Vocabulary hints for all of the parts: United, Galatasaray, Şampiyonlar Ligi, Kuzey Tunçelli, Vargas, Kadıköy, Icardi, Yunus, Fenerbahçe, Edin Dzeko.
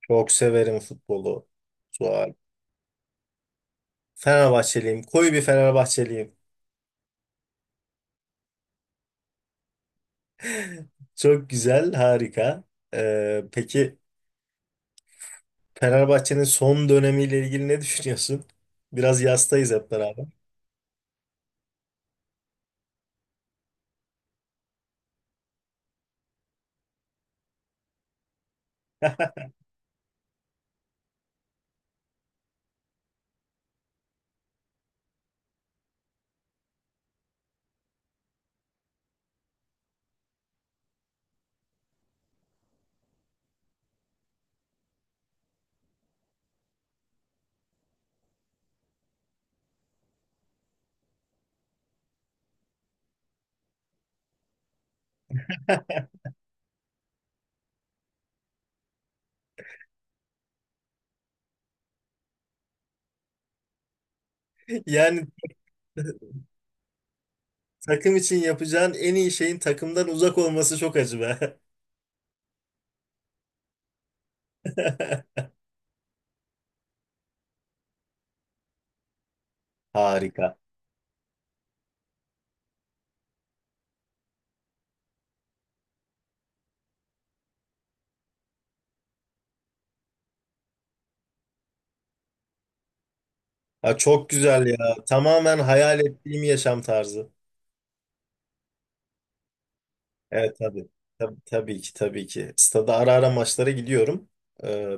Çok severim futbolu. Sual. Fenerbahçeliyim. Koyu bir Fenerbahçeliyim. Çok güzel, harika. Peki Fenerbahçe'nin son dönemiyle ilgili ne düşünüyorsun? Biraz yastayız hep beraber. Yani takım için yapacağın en iyi şeyin takımdan uzak olması çok acı be. Harika. Ya çok güzel ya. Tamamen hayal ettiğim yaşam tarzı. Evet tabii. Tabii, tabii ki tabii ki. Stada ara ara maçlara gidiyorum. Ee,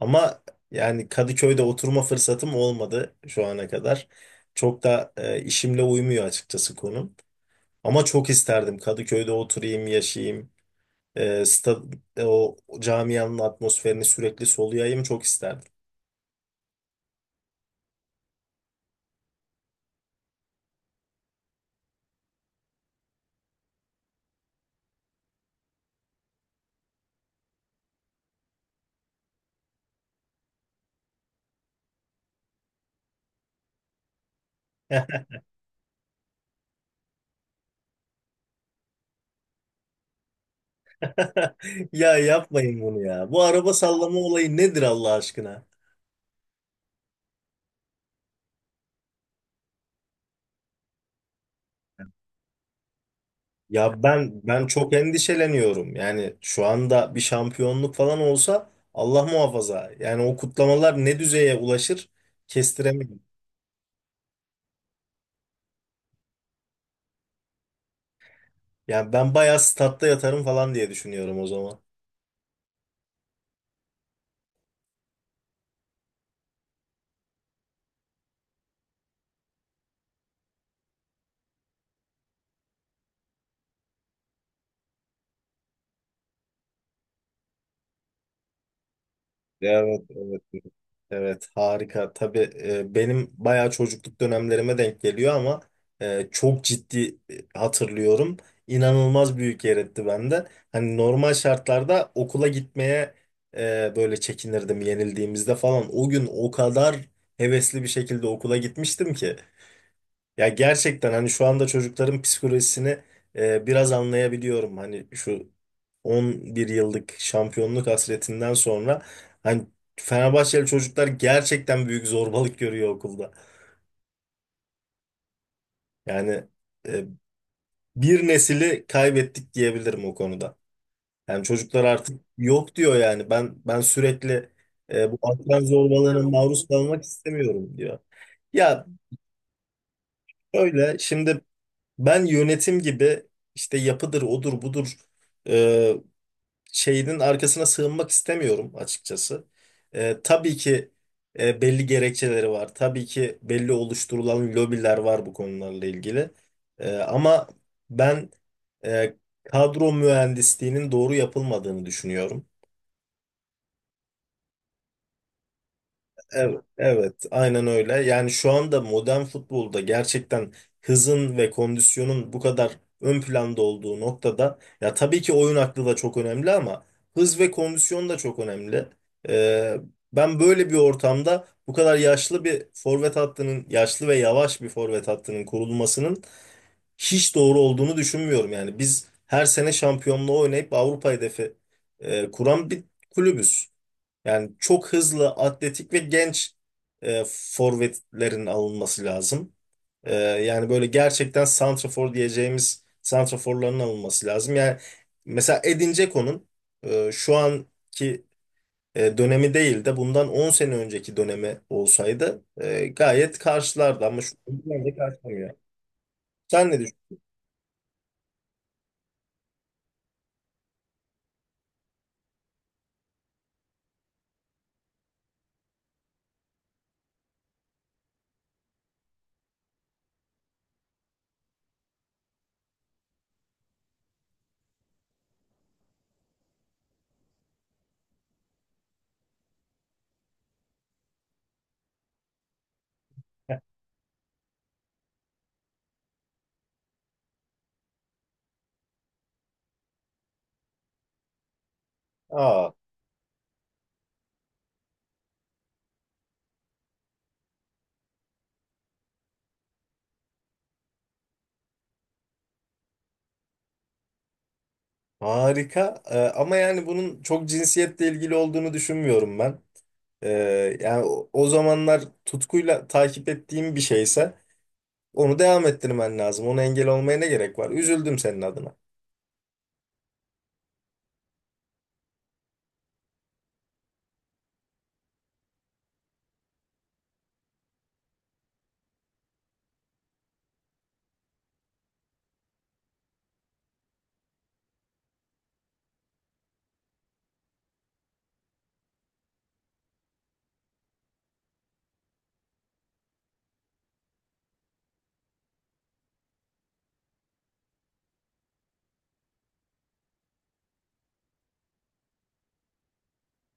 Ama yani Kadıköy'de oturma fırsatım olmadı şu ana kadar. Çok da işimle uymuyor açıkçası konum. Ama çok isterdim Kadıköy'de oturayım, yaşayayım. E, sta- O camianın atmosferini sürekli soluyayım çok isterdim. Ya yapmayın bunu ya. Bu araba sallama olayı nedir Allah aşkına? Ya ben çok endişeleniyorum. Yani şu anda bir şampiyonluk falan olsa Allah muhafaza. Yani o kutlamalar ne düzeye ulaşır? Kestiremiyorum. Yani ben bayağı statta yatarım falan diye düşünüyorum o zaman. Evet, evet. Evet harika. Tabii benim bayağı çocukluk dönemlerime denk geliyor ama çok ciddi hatırlıyorum. İnanılmaz büyük yer etti bende. Hani normal şartlarda okula gitmeye böyle çekinirdim yenildiğimizde falan. O gün o kadar hevesli bir şekilde okula gitmiştim ki. Ya gerçekten hani şu anda çocukların psikolojisini biraz anlayabiliyorum. Hani şu 11 yıllık şampiyonluk hasretinden sonra hani Fenerbahçeli çocuklar gerçekten büyük zorbalık görüyor okulda. Yani e, bir nesili kaybettik diyebilirim o konuda. Yani çocuklar artık yok diyor yani. Ben sürekli bu akran zorbalığına maruz kalmak istemiyorum diyor. Ya öyle şimdi ben yönetim gibi işte yapıdır, odur, budur e, şeyinin arkasına sığınmak istemiyorum açıkçası. Tabii ki belli gerekçeleri var. Tabii ki belli oluşturulan lobiler var bu konularla ilgili. Ama ben e, kadro mühendisliğinin doğru yapılmadığını düşünüyorum. Evet, evet, aynen öyle. Yani şu anda modern futbolda gerçekten hızın ve kondisyonun bu kadar ön planda olduğu noktada ya tabii ki oyun aklı da çok önemli ama hız ve kondisyon da çok önemli. Ee, Ben böyle bir ortamda bu kadar yaşlı bir forvet hattının, yaşlı ve yavaş bir forvet hattının kurulmasının hiç doğru olduğunu düşünmüyorum. Yani biz her sene şampiyonluğa oynayıp Avrupa hedefi kuran bir kulübüz. Yani çok hızlı, atletik ve genç forvetlerin alınması lazım. Yani böyle gerçekten santrafor diyeceğimiz santraforların alınması lazım. Yani mesela Edin Dzeko'nun şu anki dönemi değil de bundan 10 sene önceki dönemi olsaydı gayet karşılardı ama şu an bence karşılamıyor. Sen ne düşünüyorsun? Aa. Harika. Ama yani bunun çok cinsiyetle ilgili olduğunu düşünmüyorum ben. Ee, Yani o zamanlar tutkuyla takip ettiğim bir şeyse onu devam ettirmen lazım. Ona engel olmaya ne gerek var? Üzüldüm senin adına.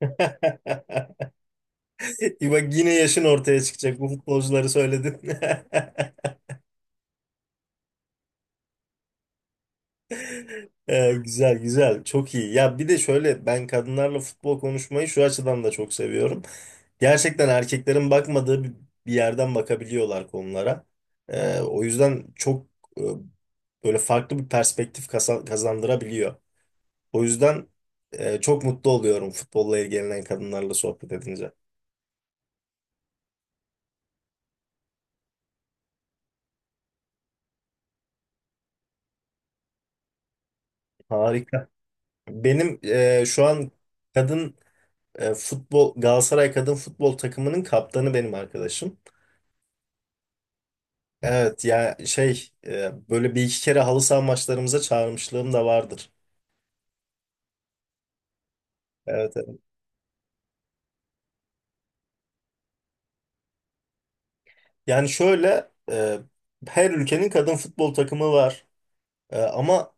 Bak yine yaşın ortaya çıkacak. Bu futbolcuları söyledin. Güzel güzel çok iyi. Ya bir de şöyle ben kadınlarla futbol konuşmayı şu açıdan da çok seviyorum. Gerçekten erkeklerin bakmadığı bir yerden bakabiliyorlar konulara. O yüzden çok e, böyle farklı bir perspektif kazandırabiliyor. O yüzden çok mutlu oluyorum futbolla ilgilenen kadınlarla sohbet edince. Harika. Benim şu an kadın futbol Galatasaray kadın futbol takımının kaptanı benim arkadaşım. Evet ya şey böyle bir iki kere halı saha maçlarımıza çağırmışlığım da vardır. Evet, evet. Yani şöyle her ülkenin kadın futbol takımı var. Ama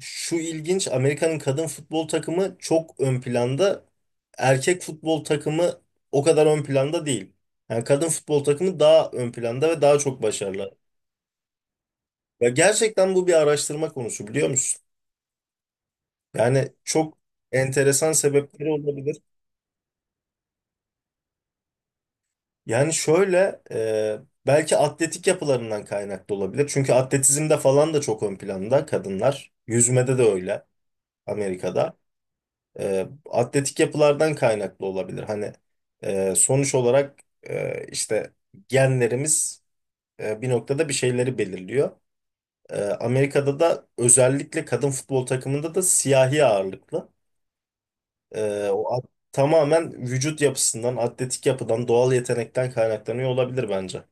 şu ilginç Amerika'nın kadın futbol takımı çok ön planda. Erkek futbol takımı o kadar ön planda değil. Yani kadın futbol takımı daha ön planda ve daha çok başarılı. Ve gerçekten bu bir araştırma konusu biliyor musun? Yani çok enteresan sebepleri olabilir. Yani şöyle belki atletik yapılarından kaynaklı olabilir. Çünkü atletizmde falan da çok ön planda kadınlar. Yüzmede de öyle Amerika'da. Atletik yapılardan kaynaklı olabilir. Hani sonuç olarak işte genlerimiz bir noktada bir şeyleri belirliyor. Amerika'da da özellikle kadın futbol takımında da siyahi ağırlıklı. E, o at- Tamamen vücut yapısından, atletik yapıdan, doğal yetenekten kaynaklanıyor olabilir bence.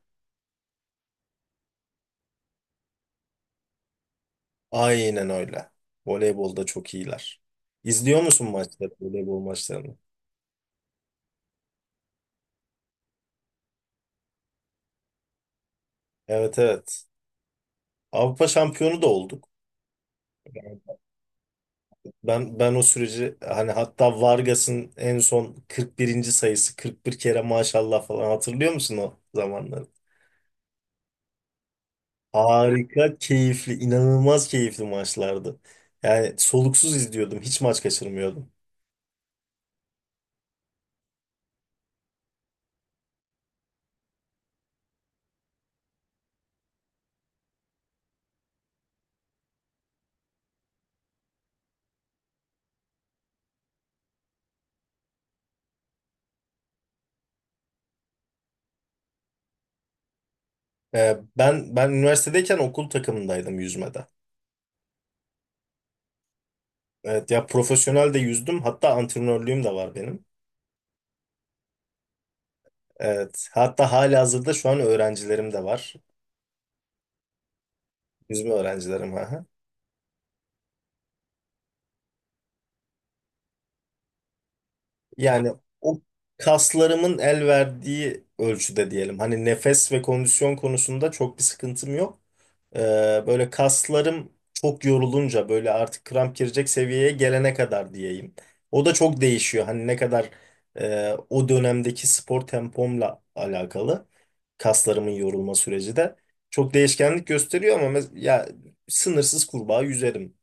Aynen öyle. Voleybolda çok iyiler. İzliyor musun maçları, voleybol maçlarını? Evet evet. Avrupa şampiyonu da olduk. Ben o süreci hani hatta Vargas'ın en son 41. sayısı 41 kere maşallah falan hatırlıyor musun o zamanları? Harika, keyifli, inanılmaz keyifli maçlardı. Yani soluksuz izliyordum, hiç maç kaçırmıyordum. Ben üniversitedeyken okul takımındaydım yüzmede. Evet ya profesyonel de yüzdüm. Hatta antrenörlüğüm de var benim. Evet. Hatta halihazırda şu an öğrencilerim de var. Yüzme öğrencilerim. Aha. Yani o kaslarımın el verdiği ölçüde diyelim. Hani nefes ve kondisyon konusunda çok bir sıkıntım yok. Ee, Böyle kaslarım çok yorulunca böyle artık kramp girecek seviyeye gelene kadar diyeyim. O da çok değişiyor. Hani ne kadar o dönemdeki spor tempomla alakalı kaslarımın yorulma süreci de çok değişkenlik gösteriyor ama ya sınırsız kurbağa yüzerim.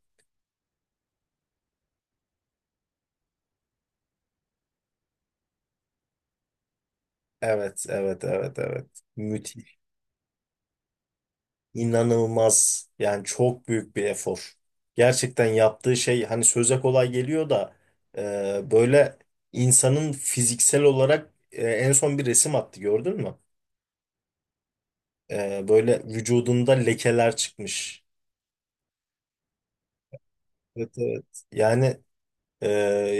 Evet, evet, evet, evet. Müthiş. İnanılmaz. Yani çok büyük bir efor. Gerçekten yaptığı şey hani söze kolay geliyor da böyle insanın fiziksel olarak en son bir resim attı gördün mü? Böyle vücudunda lekeler çıkmış. Evet, evet. Yani e,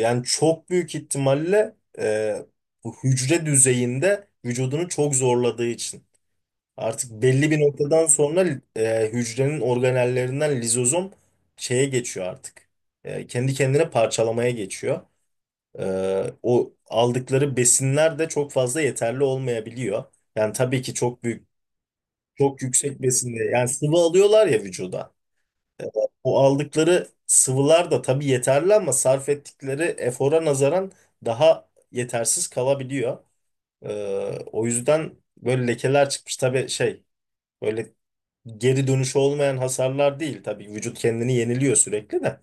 yani çok büyük ihtimalle bu hücre düzeyinde vücudunu çok zorladığı için. Artık belli bir noktadan sonra hücrenin organellerinden lizozom şeye geçiyor artık. Kendi kendine parçalamaya geçiyor. E, O aldıkları besinler de çok fazla yeterli olmayabiliyor. Yani tabii ki çok büyük, çok yüksek besinde. Yani sıvı alıyorlar ya vücuda. O aldıkları sıvılar da tabii yeterli ama sarf ettikleri efora nazaran daha yetersiz kalabiliyor. E, O yüzden böyle lekeler çıkmış. Tabii şey. Böyle geri dönüşü olmayan hasarlar değil. Tabii vücut kendini yeniliyor sürekli de.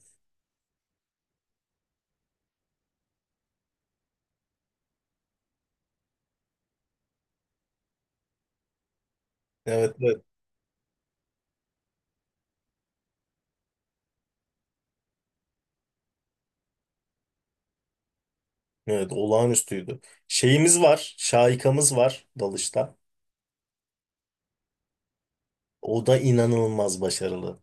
Evet, evet. Evet, olağanüstüydü. Şeyimiz var, şahikamız var dalışta. O da inanılmaz başarılı.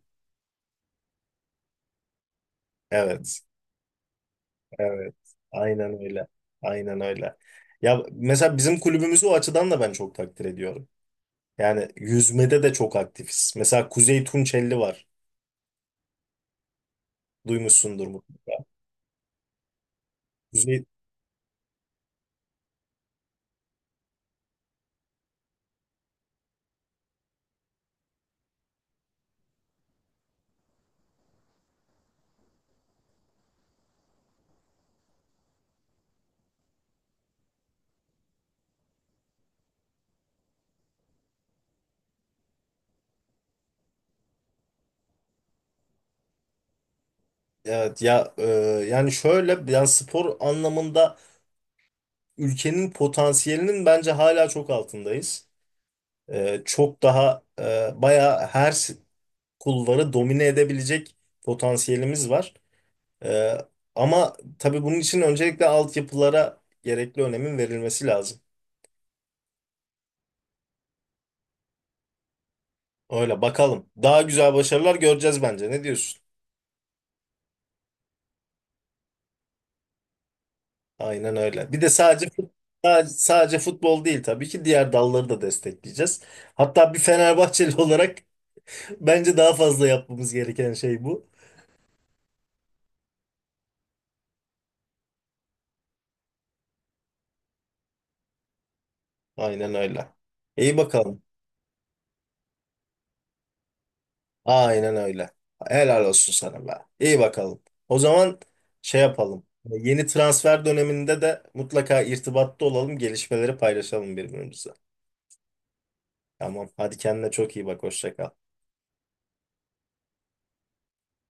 Evet, evet. Aynen öyle. Aynen öyle. Ya mesela bizim kulübümüzü o açıdan da ben çok takdir ediyorum. Yani yüzmede de çok aktifiz. Mesela Kuzey Tunçelli var. Duymuşsundur mu? Kuzey, evet ya, yani şöyle yani spor anlamında ülkenin potansiyelinin bence hala çok altındayız. Çok daha bayağı her kulvarı domine edebilecek potansiyelimiz var. Ee, Ama tabii bunun için öncelikle altyapılara gerekli önemin verilmesi lazım. Öyle bakalım. Daha güzel başarılar göreceğiz bence. Ne diyorsun? Aynen öyle. Bir de sadece futbol değil tabii ki diğer dalları da destekleyeceğiz. Hatta bir Fenerbahçeli olarak bence daha fazla yapmamız gereken şey bu. Aynen öyle. İyi bakalım. Aynen öyle. Helal olsun sana be. İyi bakalım. O zaman şey yapalım. Yeni transfer döneminde de mutlaka irtibatta olalım, gelişmeleri paylaşalım birbirimize. Tamam. Hadi kendine çok iyi bak. Hoşça kal.